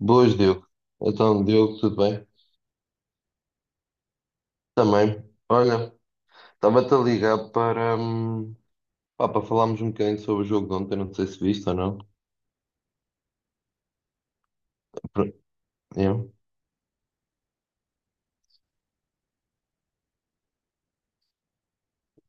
Boas, Diogo. Então, Diogo, tudo bem? Também. Olha, estava-te a ligar para, pá, para falarmos um bocadinho sobre o jogo de ontem, não sei se viste ou não. Pro- Eu?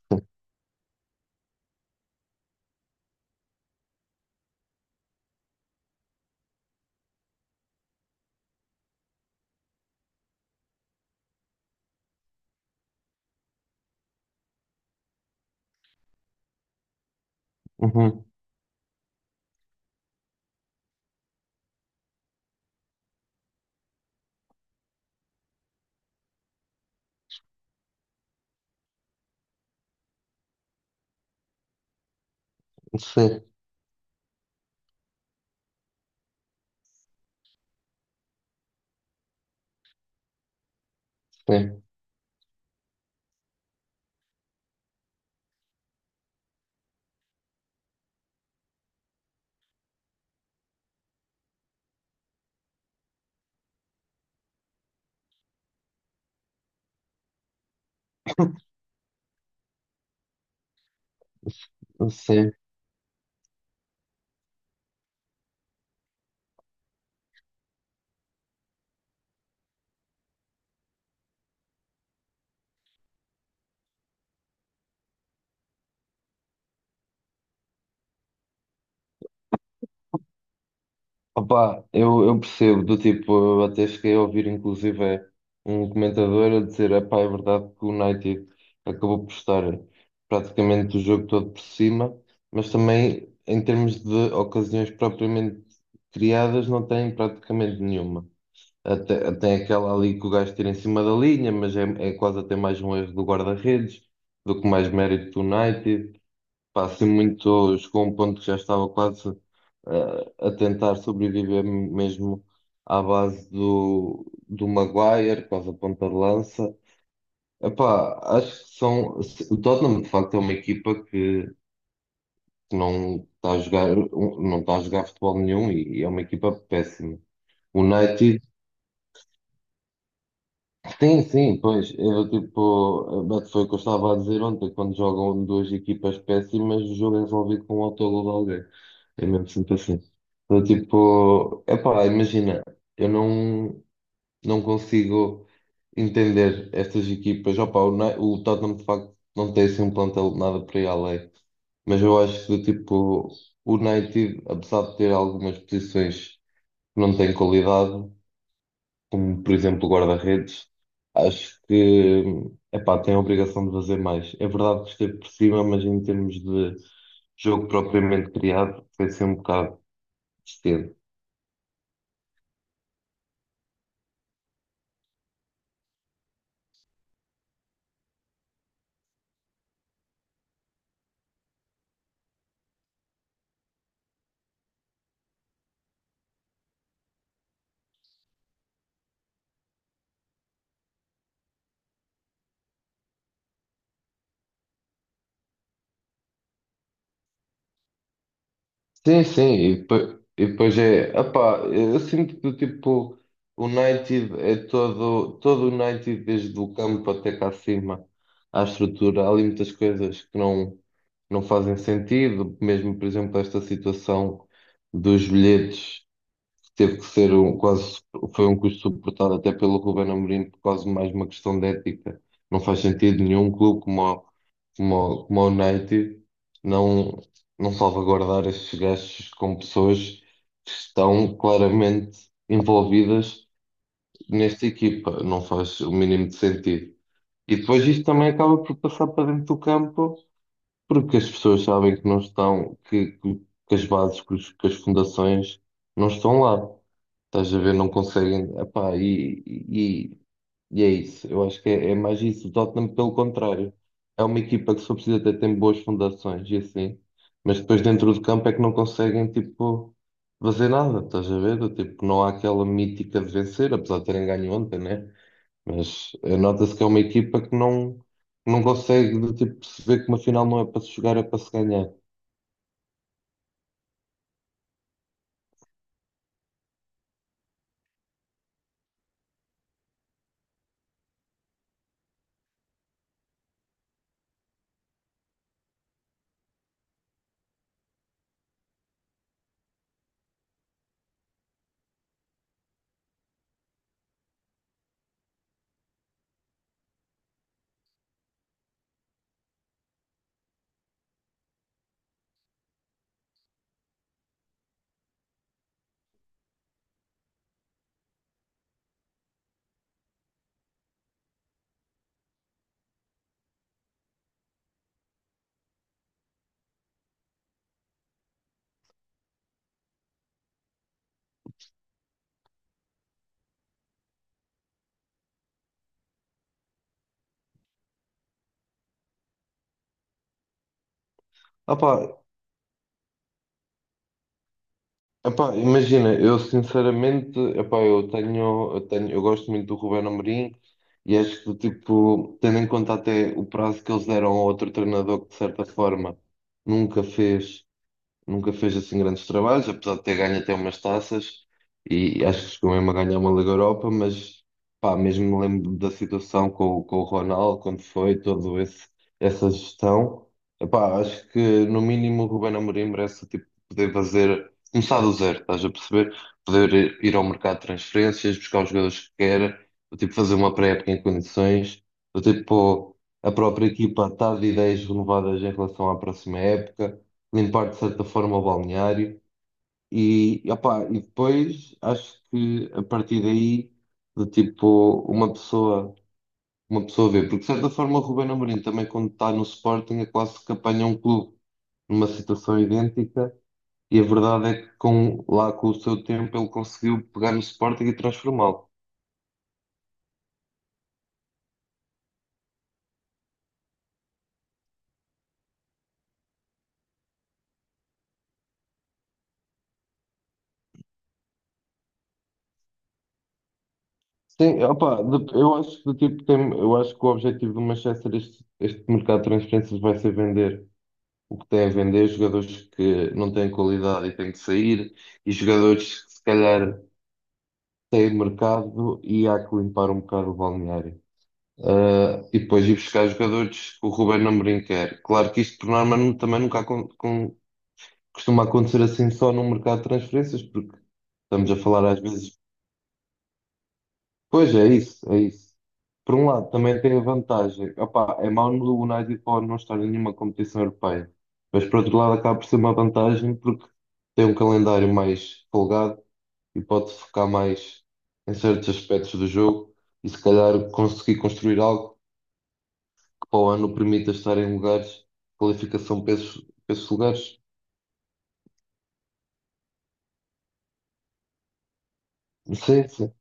Uhum. Sim, sim, sim. Opa, eu percebo, do tipo, eu até cheguei a ouvir inclusive é, um comentador a dizer, epá, é verdade que o United acabou por estar praticamente o jogo todo por cima, mas também em termos de ocasiões propriamente criadas não tem praticamente nenhuma. Até, tem aquela ali que o gajo tira em cima da linha, mas é, é quase até mais um erro do guarda-redes do que mais mérito do United. Pá, assim muito, chegou a um ponto que já estava quase a tentar sobreviver mesmo à base do Maguire, quase a ponta-lança. De lança. Epá, acho que são. O Tottenham, de facto, é uma equipa que não está a jogar, um, não está a jogar futebol nenhum e é uma equipa péssima. O United. Sim, sim, pois, eu tipo, mas foi o que eu estava a dizer ontem, quando jogam duas equipas péssimas, o jogo é resolvido com um autogol de alguém. É mesmo sempre assim. Eu, tipo, epá, imagina, eu não, não consigo entender estas equipas. Opá, o, o Tottenham de facto não tem assim um plantel de nada para ir além, mas eu acho que tipo, o United, apesar de ter algumas posições que não têm qualidade, como por exemplo o guarda-redes, acho que epá, tem a obrigação de fazer mais. É verdade que esteve por cima, mas em termos de jogo propriamente criado, foi ser um bocado cedo. Sim, sim, e depois é, epá, eu sinto que tipo, o United é todo, todo o United, desde o campo até cá acima, à estrutura, há ali muitas coisas que não, não fazem sentido, mesmo por exemplo esta situação dos bilhetes. Teve que ser um, quase, foi um custo suportado até pelo Ruben Amorim, por quase mais uma questão de ética. Não faz sentido nenhum clube como o United não, não salvaguardar estes gastos com pessoas que estão claramente envolvidas nesta equipa. Não faz o mínimo de sentido. E depois isto também acaba por passar para dentro do campo, porque as pessoas sabem que não estão, que as bases, que as fundações não estão lá. Estás a ver, não conseguem. Epá, e é isso. Eu acho que é, é mais isso. O Tottenham, pelo contrário, é uma equipa que só precisa até tem boas fundações e assim. Mas depois dentro do campo é que não conseguem, tipo, fazer nada. Estás a ver? Tipo, não há aquela mítica de vencer, apesar de terem ganho ontem, né? Mas nota-se que é uma equipa que não, não consegue, de, tipo, perceber que uma final não é para se jogar, é para se ganhar. Ah, epá, imagina, eu sinceramente, epá, eu gosto muito do Ruben Amorim e acho que, tipo, tendo em conta até o prazo que eles deram a outro treinador que, de certa forma, nunca fez nunca fez assim grandes trabalhos, apesar de ter ganho até umas taças e acho que chegou mesmo a ganhar uma Liga Europa, mas pá, mesmo me lembro da situação com o Ronaldo, quando foi, todo esse essa gestão. Epá, acho que no mínimo o Ruben Amorim merece tipo, poder fazer, começar do zero, estás a perceber? Poder ir ao mercado de transferências, buscar os jogadores que quer, ou, tipo, fazer uma pré-época em condições, ou, tipo, a própria equipa está de ideias renovadas em relação à próxima época, limpar de certa forma o balneário e, opá, e depois acho que a partir daí de tipo uma pessoa uma pessoa vê, porque de certa forma o Ruben Amorim também quando está no Sporting é quase que apanha um clube numa situação idêntica e a verdade é que com, lá com o seu tempo ele conseguiu pegar no Sporting e transformá-lo. Sim, opa, eu acho que do tipo tem, eu acho que o objetivo do Manchester este, este mercado de transferências vai ser vender. O que tem a vender é jogadores que não têm qualidade e têm que sair, e jogadores que se calhar têm mercado e há que limpar um bocado o balneário. Ah, e depois ir buscar jogadores que o Ruben Amorim quer. Claro que isto por norma também nunca acon- com- costuma acontecer assim só no mercado de transferências, porque estamos a falar às vezes. Pois é isso, é isso. Por um lado, também tem a vantagem. Opá, é mau no United Power não estar em nenhuma competição europeia. Mas por outro lado acaba por ser uma vantagem porque tem um calendário mais folgado e pode focar mais em certos aspectos do jogo e se calhar conseguir construir algo que para o ano permita estar em lugares, qualificação para esses lugares. Sim, sim.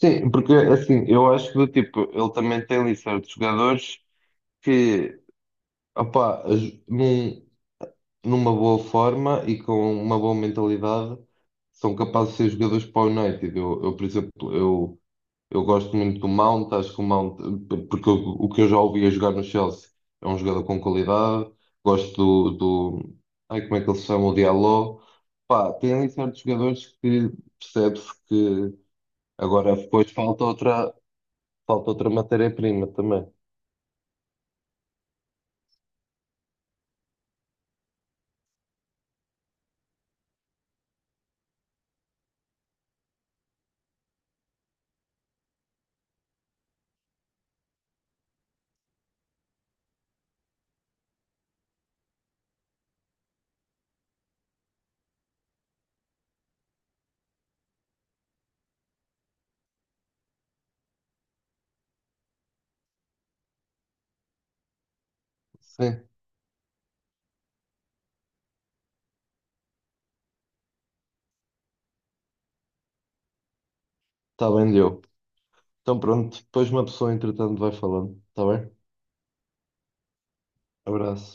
Sim, porque assim, eu acho que do tipo, ele também tem ali certos jogadores que opá, não numa boa forma e com uma boa mentalidade, são capazes de ser jogadores para o United. Eu, por exemplo, eu gosto muito do Mount, acho que o Mount, porque o, o que eu já ouvi a jogar no Chelsea é um jogador com qualidade, gosto do ai, como é que ele se chama, o Diallo. Pá, tem ali certos jogadores que percebe-se que agora depois falta outra matéria-prima também. Sim, está bem, deu. Então pronto, depois uma pessoa entretanto vai falando, está bem? Abraço.